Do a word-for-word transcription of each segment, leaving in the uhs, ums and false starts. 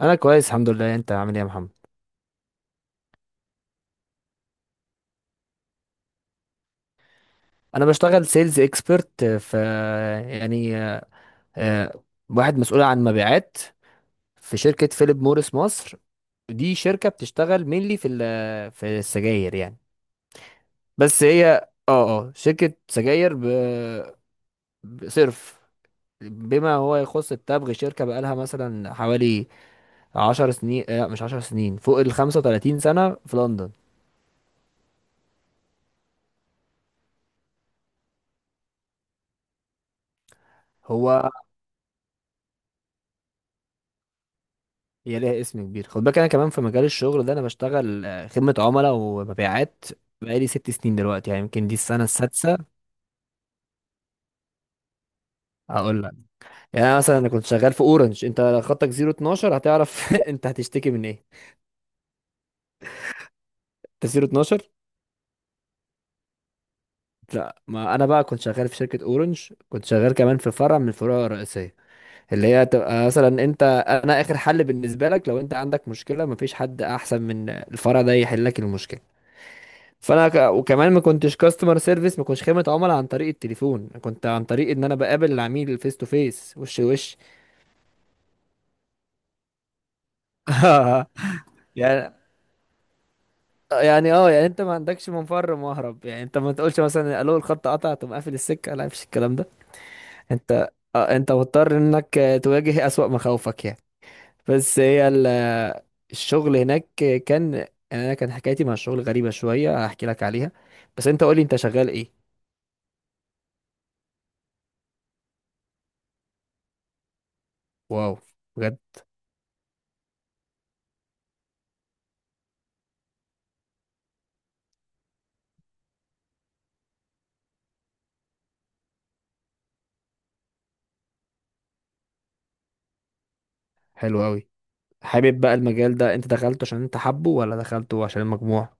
انا كويس، الحمد لله. انت عامل ايه يا محمد؟ انا بشتغل سيلز اكسبرت في، يعني آه، واحد مسؤول عن مبيعات في شركة فيليب موريس مصر. دي شركة بتشتغل مينلي في ال- في السجاير، يعني. بس هي، اه اه شركة سجاير، ب- بصرف بما هو يخص التبغ. شركة بقالها مثلا حوالي عشر سنين، آه، لا مش عشر سنين، فوق ال خمسة وثلاثين سنة في لندن. هو هي ليها اسم كبير. خد بالك، انا كمان في مجال الشغل ده انا بشتغل، آه، خدمة عملاء ومبيعات، بقالي ست سنين دلوقتي، يعني يمكن دي السنة السادسة. هقول لك. يعني أنا مثلا انا كنت شغال في اورنج. انت خطك صفر واحد اتنين هتعرف انت هتشتكي من ايه؟ انت صفر واحد اتنين. لا، ما انا بقى كنت شغال في شركة اورنج، كنت شغال كمان في فرع من الفروع الرئيسية اللي هي تبقى مثلا. انت انا اخر حل بالنسبة لك، لو انت عندك مشكلة مفيش حد احسن من الفرع ده يحل لك المشكلة. فانا ك... وكمان ما كنتش كاستمر سيرفيس، ما كنتش خدمه عملاء عن طريق التليفون، أنا كنت عن طريق ان انا بقابل العميل فيس تو فيس، وش لوش. يعني يعني اه يعني انت ما عندكش منفر مهرب، يعني انت ما تقولش مثلا الو الخط قطع تقوم قافل السكه، لا مفيش الكلام ده. انت آه انت مضطر انك، آه، تواجه اسوأ مخاوفك يعني. بس هي ال... آه، الشغل هناك كان، يعني، انا كان حكايتي مع الشغل غريبه شويه، هحكي لك عليها. بس انت قولي، انت شغال ايه؟ واو، بجد. حلو قوي. حابب بقى المجال ده انت دخلته عشان انت حابه ولا دخلته عشان المجموع؟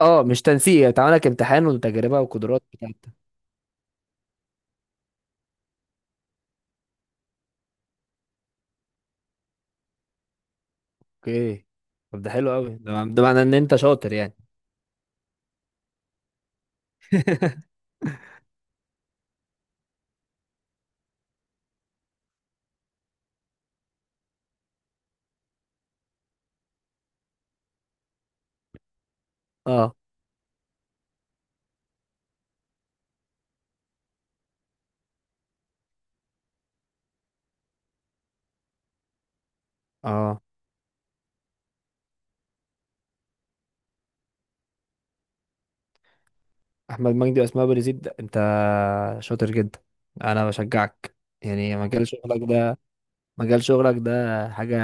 اه مش تنسيق، يعني تعمل لك امتحان وتجربة وقدرات بتاعتك. اوكي. طب ده حلو قوي، ده ده معناه ان انت شاطر يعني. اه، اه. احمد مجدي واسماء ابو يزيد؟ ده انت شاطر جدا، انا بشجعك. يعني مجال شغلك ده، مجال شغلك ده حاجه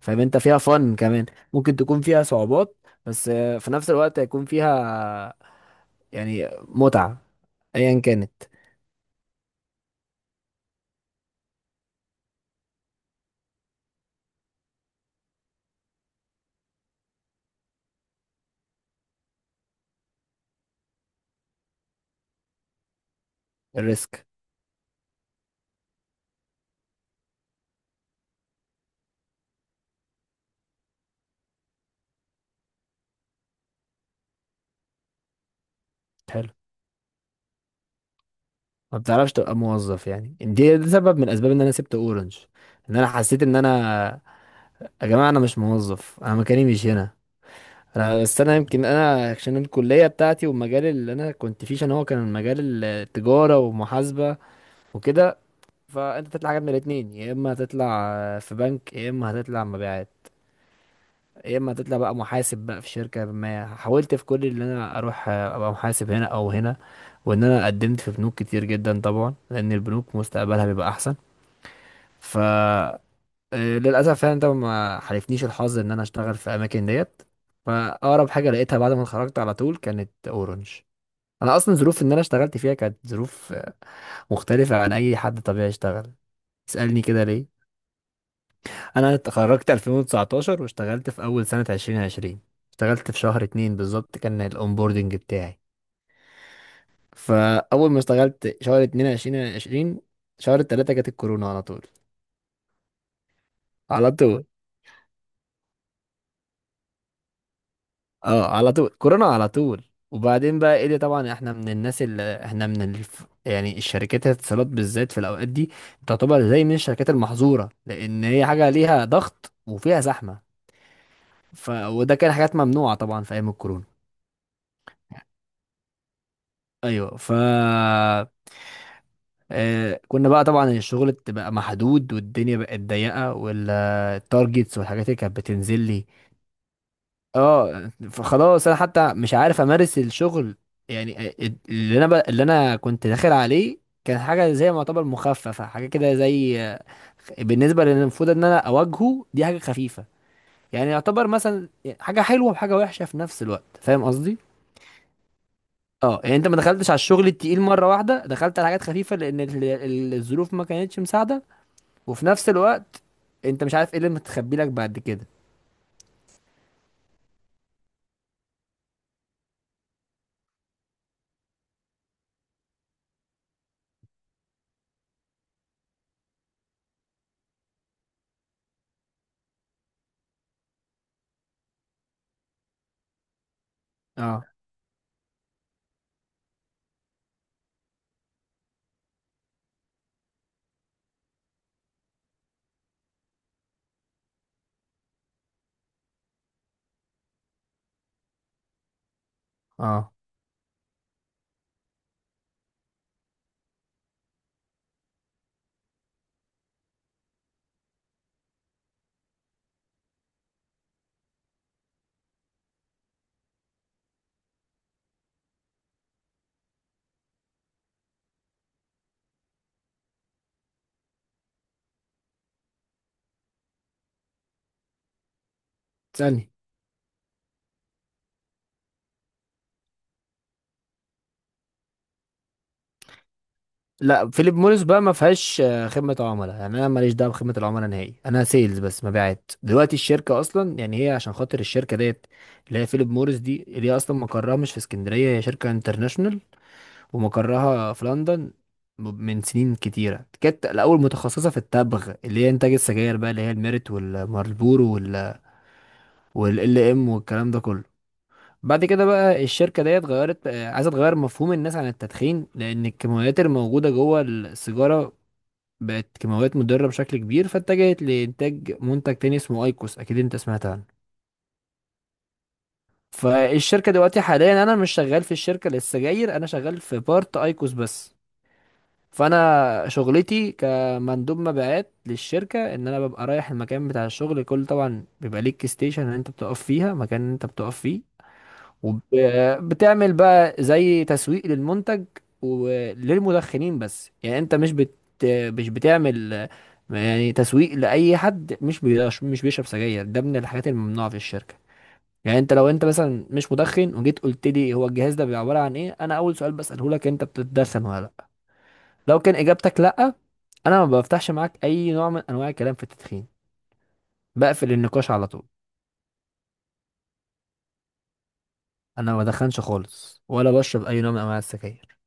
فاهم انت فيها فن كمان. ممكن تكون فيها صعوبات، بس في نفس الوقت هيكون فيها يعني متعه ايا كانت. الريسك. حلو. ما بتعرفش تبقى موظف، يعني دي ده سبب من اسباب ان انا سبت اورنج. ان انا حسيت ان انا، يا جماعه انا مش موظف، انا مكاني مش هنا. انا، بس انا يمكن انا عشان الكليه بتاعتي، والمجال اللي انا كنت فيه عشان هو كان مجال التجاره ومحاسبه وكده. فانت تطلع حاجه من الاتنين، يا اما هتطلع في بنك، يا اما هتطلع مبيعات، يا اما هتطلع بقى محاسب بقى في شركه. ما حاولت في كل اللي انا اروح ابقى محاسب هنا او هنا، وان انا قدمت في بنوك كتير جدا طبعا لان البنوك مستقبلها بيبقى احسن. ف آه، للاسف يعني ده ما حالفنيش الحظ ان انا اشتغل في اماكن ديت. فاقرب حاجه لقيتها بعد ما اتخرجت على طول كانت اورنج. انا اصلا ظروف ان انا اشتغلت فيها كانت ظروف، آه، مختلفه عن اي حد طبيعي اشتغل. اسالني كده ليه. انا اتخرجت ألفين وتسعتاشر، واشتغلت في اول سنه ألفين وعشرين. اشتغلت في شهر اتنين بالظبط كان الاونبوردنج بتاعي. فاول ما اشتغلت شهر اتنين ألفين وعشرين، شهر التلاته جت الكورونا على طول. على طول. اه على طول كورونا على طول. وبعدين بقى ايه ده، طبعا احنا من الناس اللي احنا من الف... يعني الشركات الاتصالات بالذات في الاوقات دي تعتبر زي من الشركات المحظوره، لان هي حاجه ليها ضغط وفيها زحمه. ف... وده كان حاجات ممنوعه طبعا في ايام الكورونا. ايوه. ف آه كنا بقى طبعا الشغل بقى محدود، والدنيا بقت ضيقه، والتارجتس والحاجات اللي كانت بتنزل لي. اه فخلاص انا حتى مش عارف امارس الشغل. يعني ال- اللي انا ب... اللي انا كنت داخل عليه كان حاجه زي ما يعتبر مخففه، حاجه كده زي، بالنسبه للي المفروض ان انا اواجهه دي حاجه خفيفه. يعني يعتبر مثلا حاجه حلوه وحاجه وحشه في نفس الوقت، فاهم قصدي. اه يعني انت ما دخلتش على الشغل التقيل مره واحده، دخلت على حاجات خفيفه، لان ال- ال- الظروف ما كانتش مساعده. وفي نفس الوقت انت مش عارف ايه اللي متخبي لك بعد كده. اه، اه. تسألني؟ لا فيليب موريس بقى ما فيهاش، آه، خدمة عملاء. يعني انا ماليش دعوة بخدمة العملاء نهائي، انا سيلز بس، مبيعات. دلوقتي الشركة اصلا، يعني هي عشان خاطر الشركة ديت اللي هي فيليب موريس دي، اللي هي اصلا مقرها مش في اسكندرية، هي شركة انترناشونال ومقرها في لندن. م- من سنين كتيرة كانت الأول متخصصة في التبغ، اللي هي إنتاج السجاير بقى، اللي هي الميريت والمارلبورو وال والال ام والكلام ده كله. بعد كده بقى الشركة ديت غيرت، آه، عايزة تغير مفهوم الناس عن التدخين، لأن الكيماويات الموجودة جوه السيجارة بقت كيماويات مضرة بشكل كبير، فاتجهت لإنتاج منتج تاني اسمه أيكوس، أكيد أنت سمعت عنه. فالشركة دلوقتي حاليا، أنا مش شغال في الشركة للسجاير، أنا شغال في بارت أيكوس بس. فأنا شغلتي كمندوب مبيعات للشركة، إن أنا ببقى رايح المكان بتاع الشغل. كل، طبعا بيبقى ليك ستيشن إن أنت بتقف فيها، مكان إن أنت بتقف فيه، وبتعمل بقى زي تسويق للمنتج وللمدخنين. بس يعني انت مش بت مش بتعمل، آه، يعني تسويق لأي حد مش بيش- مش بيشرب سجاير، ده من الحاجات الممنوعة في الشركة. يعني انت لو انت مثلا مش مدخن، وجيت قلت لي هو الجهاز ده بيبقى عبارة عن ايه، انا اول سؤال بسأله لك، انت بتتدخن ولا لا. لو كان اجابتك لا، انا ما بفتحش معاك اي نوع من انواع الكلام في التدخين، بقفل النقاش على طول. انا ما بدخنش خالص، ولا بشرب اي نوع من انواع السجاير.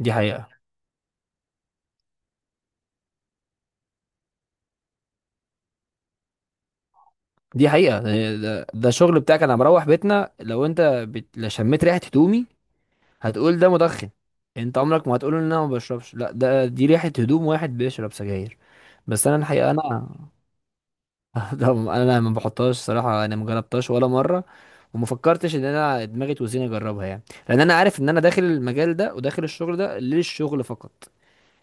دي حقيقة. دي حقيقة يعني ده, ده الشغل بتاعك. انا مروح بيتنا لو انت بت... لو شميت ريحة هدومي هتقول ده مدخن. انت عمرك ما هتقول ان انا ما بشربش، لا ده دي ريحة هدوم واحد بيشرب سجاير. بس انا الحقيقة، انا ده انا ما بحطهاش صراحة، انا ما جربتهاش ولا مرة، وما فكرتش ان انا دماغي توزيني اجربها يعني. لان انا عارف ان انا داخل المجال ده وداخل الشغل ده للشغل فقط.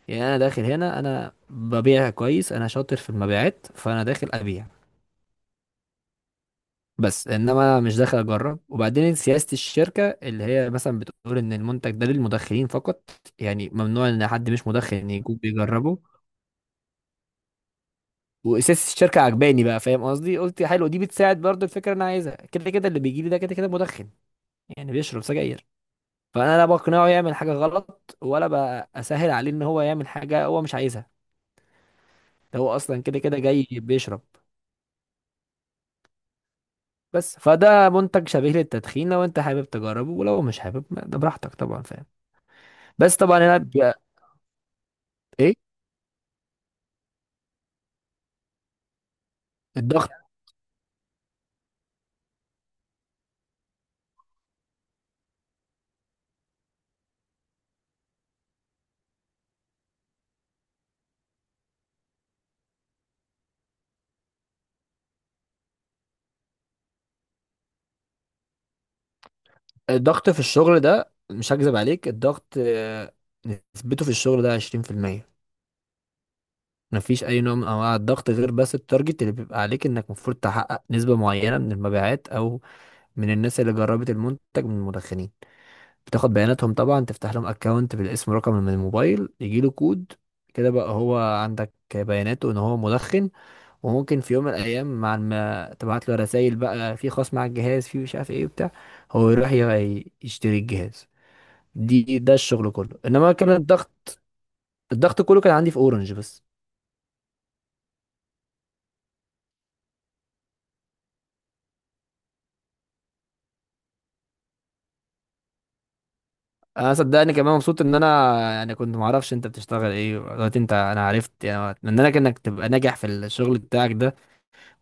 يعني انا داخل هنا انا ببيع كويس، انا شاطر في المبيعات، فانا داخل ابيع بس، انما مش داخل اجرب. وبعدين سياسة الشركة اللي هي مثلا بتقول ان المنتج ده للمدخنين فقط، يعني ممنوع ان حد مش مدخن يكون بيجربه. واساس الشركة عجباني بقى، فاهم قصدي، قلت حلو دي بتساعد برضو الفكرة اللي انا عايزها، كده كده اللي بيجي لي ده كده كده مدخن، يعني بيشرب سجاير. فانا لا بقنعه يعمل حاجة غلط، ولا بسهل عليه ان هو يعمل حاجة هو مش عايزها. ده هو اصلا كده كده جاي بيشرب بس، فده منتج شبيه للتدخين، لو انت حابب تجربه ولو مش حابب ما- ده براحتك طبعا، فاهم. بس طبعا انا، ايه الضغط الضغط في الشغل ده، مش هكذب عليك، الضغط، آه، نسبته في الشغل ده عشرين في المية. مفيش اي نوع من انواع الضغط غير بس التارجت اللي بيبقى عليك، انك المفروض تحقق نسبة معينة من المبيعات، او من الناس اللي جربت المنتج من المدخنين. بتاخد بياناتهم طبعا، تفتح لهم اكونت بالاسم، رقم من الموبايل يجي له كود، كده بقى هو عندك بياناته ان هو مدخن. وممكن في يوم من الايام، مع ما تبعت له رسائل بقى في خاص مع الجهاز في مش عارف ايه بتاع، هو يروح ي- يشتري الجهاز. دي ده الشغل كله، انما كان الضغط، الضغط كله كان عندي في اورنج بس. انا صدقني كمان مبسوط ان انا يعني كنت ما اعرفش انت بتشتغل ايه دلوقتي. انت انا عرفت، يعني اتمنى لك انك تبقى ناجح في الشغل بتاعك ده.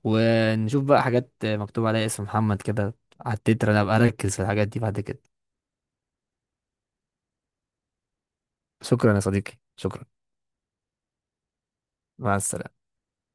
ونشوف بقى حاجات مكتوب عليها اسم محمد كده على التتر، انا ابقى اركز في الحاجات دي بعد كده. شكرا يا صديقي، شكرا. مع السلامة.